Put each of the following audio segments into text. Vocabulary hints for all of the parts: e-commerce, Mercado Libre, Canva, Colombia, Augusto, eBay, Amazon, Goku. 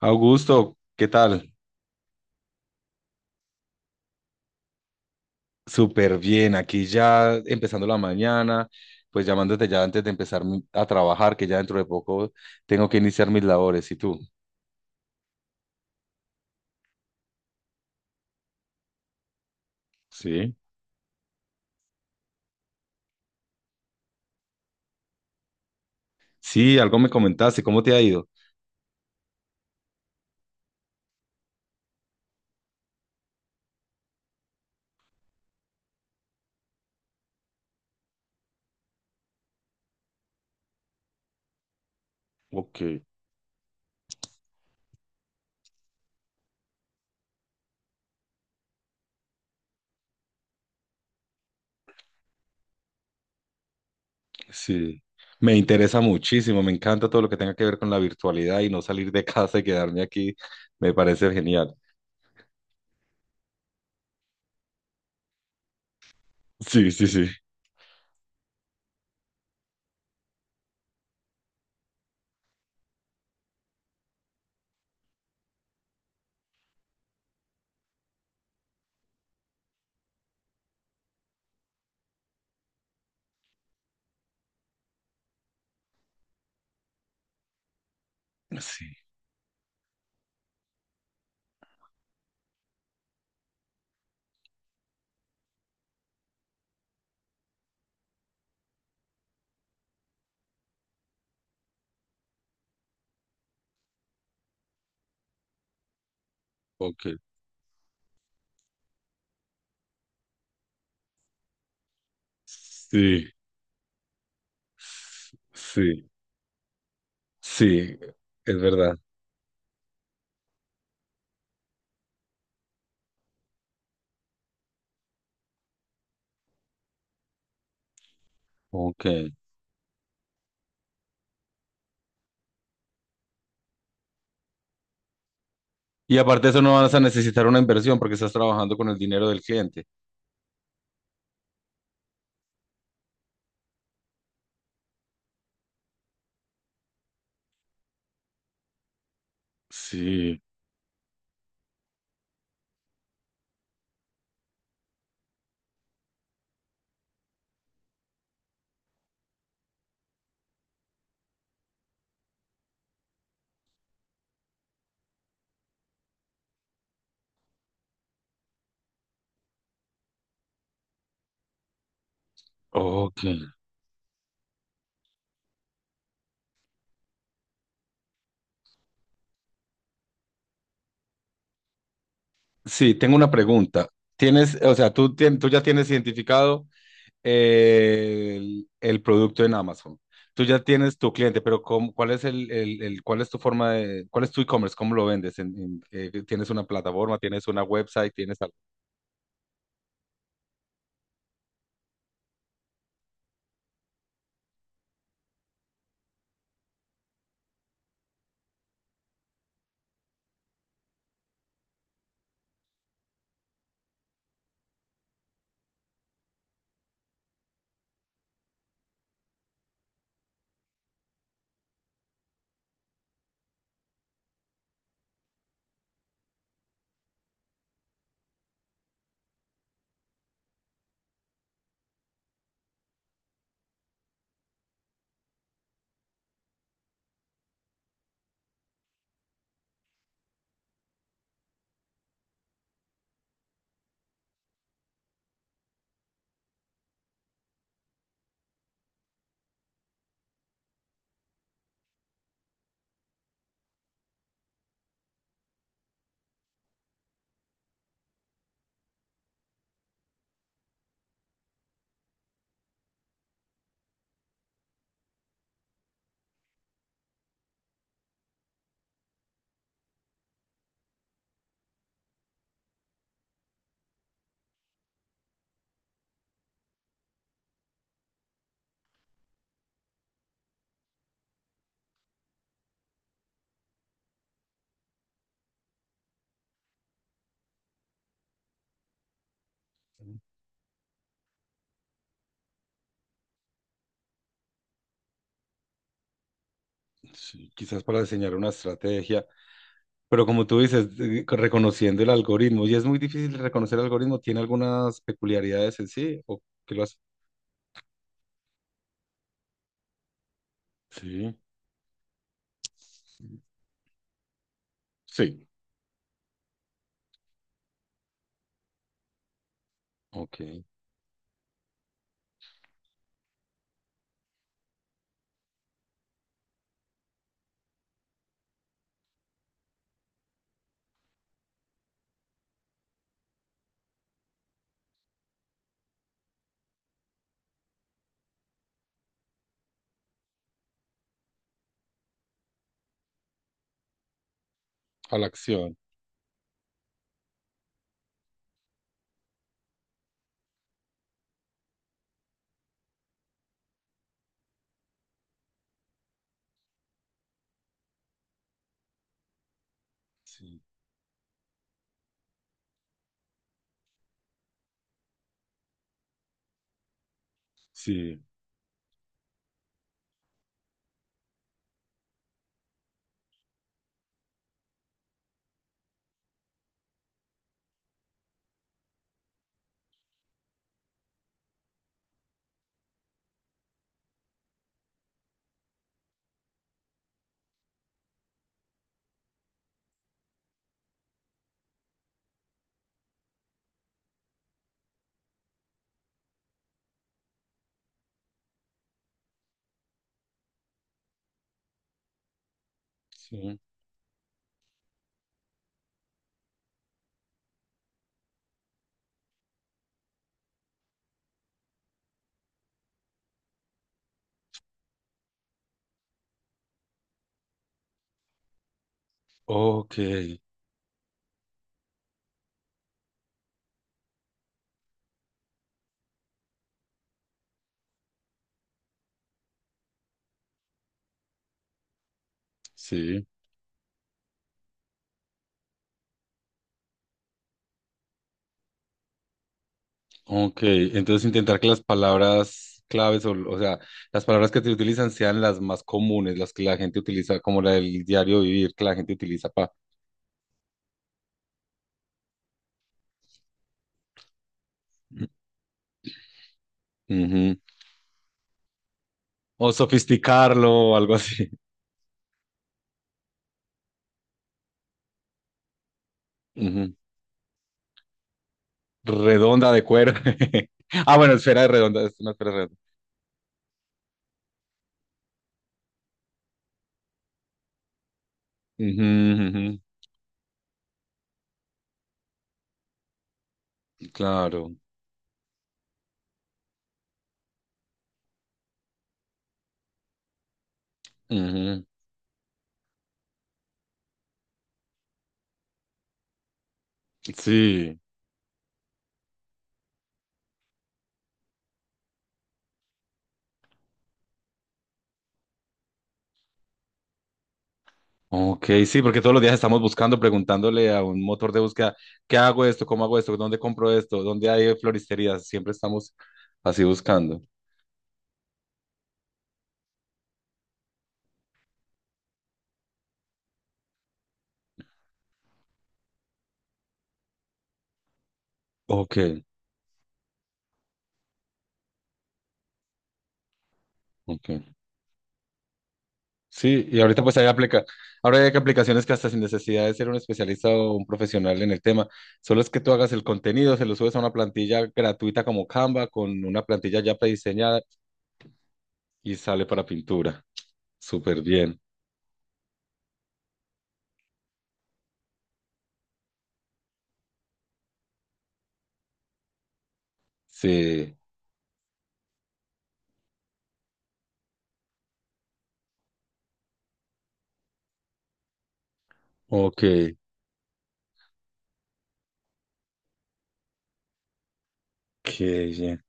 Augusto, ¿qué tal? Súper bien, aquí ya empezando la mañana, pues llamándote ya antes de empezar a trabajar, que ya dentro de poco tengo que iniciar mis labores. ¿Y tú? Sí, sí, algo me comentaste, ¿cómo te ha ido? Ok. Sí, me interesa muchísimo, me encanta todo lo que tenga que ver con la virtualidad y no salir de casa y quedarme aquí, me parece genial. Sí, sí, sí. Sí, ok, sí, sí, sí, es verdad. Ok. Y aparte de eso no vas a necesitar una inversión porque estás trabajando con el dinero del cliente. Sí, ok. Sí, tengo una pregunta. Tienes, o sea, tú, tú ya tienes identificado el producto en Amazon. Tú ya tienes tu cliente, pero ¿ cuál es cuál es tu forma de, cuál es tu e-commerce? ¿Cómo lo vendes? ¿Tienes una plataforma? ¿Tienes una website? ¿Tienes algo? Sí. Quizás para diseñar una estrategia. Pero como tú dices, reconociendo el algoritmo, y es muy difícil reconocer el algoritmo, ¿tiene algunas peculiaridades en sí? ¿O qué lo hace? Sí, sí, ok, a la acción. Sí, sí, sí, ok, sí, ok. Entonces intentar que las palabras claves, o sea, las palabras que te utilizan sean las más comunes, las que la gente utiliza, como la del diario vivir, que la gente utiliza para... O sofisticarlo o algo así. Ujú. Redonda de cuero. Ah, bueno, esfera de redonda, es una esfera redonda. Ujú, ujú, claro. Ujú, sí. Ok, sí, porque todos los días estamos buscando, preguntándole a un motor de búsqueda, ¿qué hago esto? ¿Cómo hago esto? ¿Dónde compro esto? ¿Dónde hay floristerías? Siempre estamos así buscando. Ok, ok. Sí, y ahorita pues ahora hay aplicaciones que hasta sin necesidad de ser un especialista o un profesional en el tema, solo es que tú hagas el contenido, se lo subes a una plantilla gratuita como Canva con una plantilla ya prediseñada y sale para pintura. Súper bien. Sí, ok, qué bien,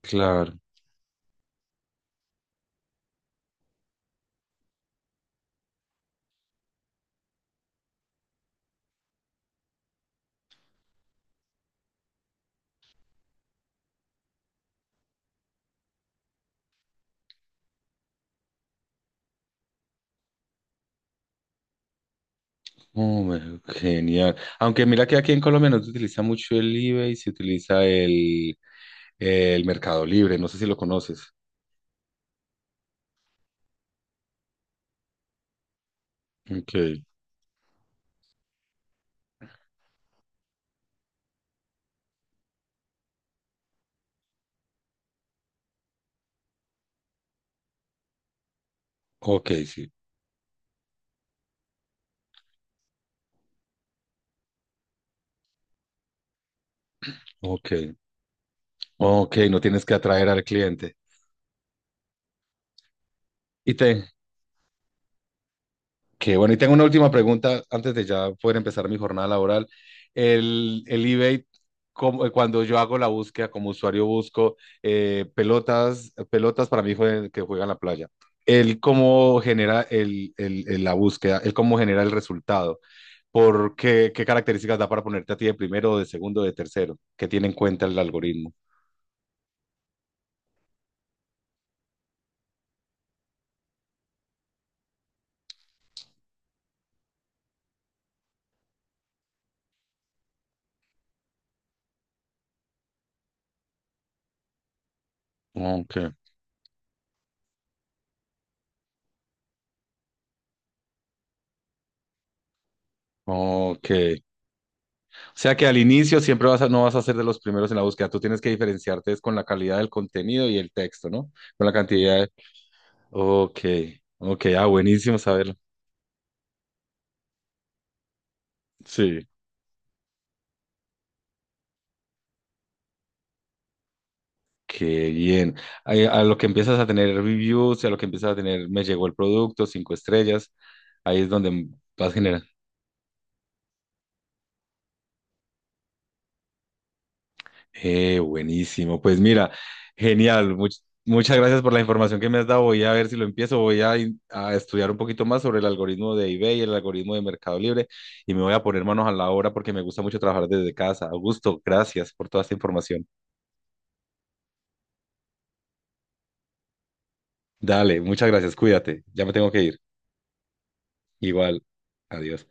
claro. Hombre, genial. Aunque mira que aquí en Colombia no se utiliza mucho el eBay, se utiliza el Mercado Libre, no sé si lo conoces. Ok, ok, sí, ok. Ok, no tienes que atraer al cliente. Y te, que bueno, y tengo una última pregunta antes de ya poder empezar mi jornada laboral. El eBay, cuando yo hago la búsqueda como usuario, busco pelotas, pelotas para mi hijo que juega en la playa. Él cómo genera la búsqueda, él cómo genera el resultado, por qué, qué características da para ponerte a ti de primero, de segundo, de tercero, que tiene en cuenta el algoritmo. Ok, ok. O sea que al inicio siempre no vas a ser de los primeros en la búsqueda. Tú tienes que diferenciarte es con la calidad del contenido y el texto, ¿no? Con la cantidad de... Ok, ok, ah, buenísimo saberlo. Sí, qué bien. A lo que empiezas a tener reviews, a lo que empiezas a tener, me llegó el producto, cinco estrellas, ahí es donde vas generando. Buenísimo. Pues mira, genial. Muchas gracias por la información que me has dado. Voy a ver si lo empiezo. Voy a estudiar un poquito más sobre el algoritmo de eBay, y el algoritmo de Mercado Libre y me voy a poner manos a la obra porque me gusta mucho trabajar desde casa. Augusto, gracias por toda esta información. Dale, muchas gracias. Cuídate. Ya me tengo que ir. Igual. Adiós.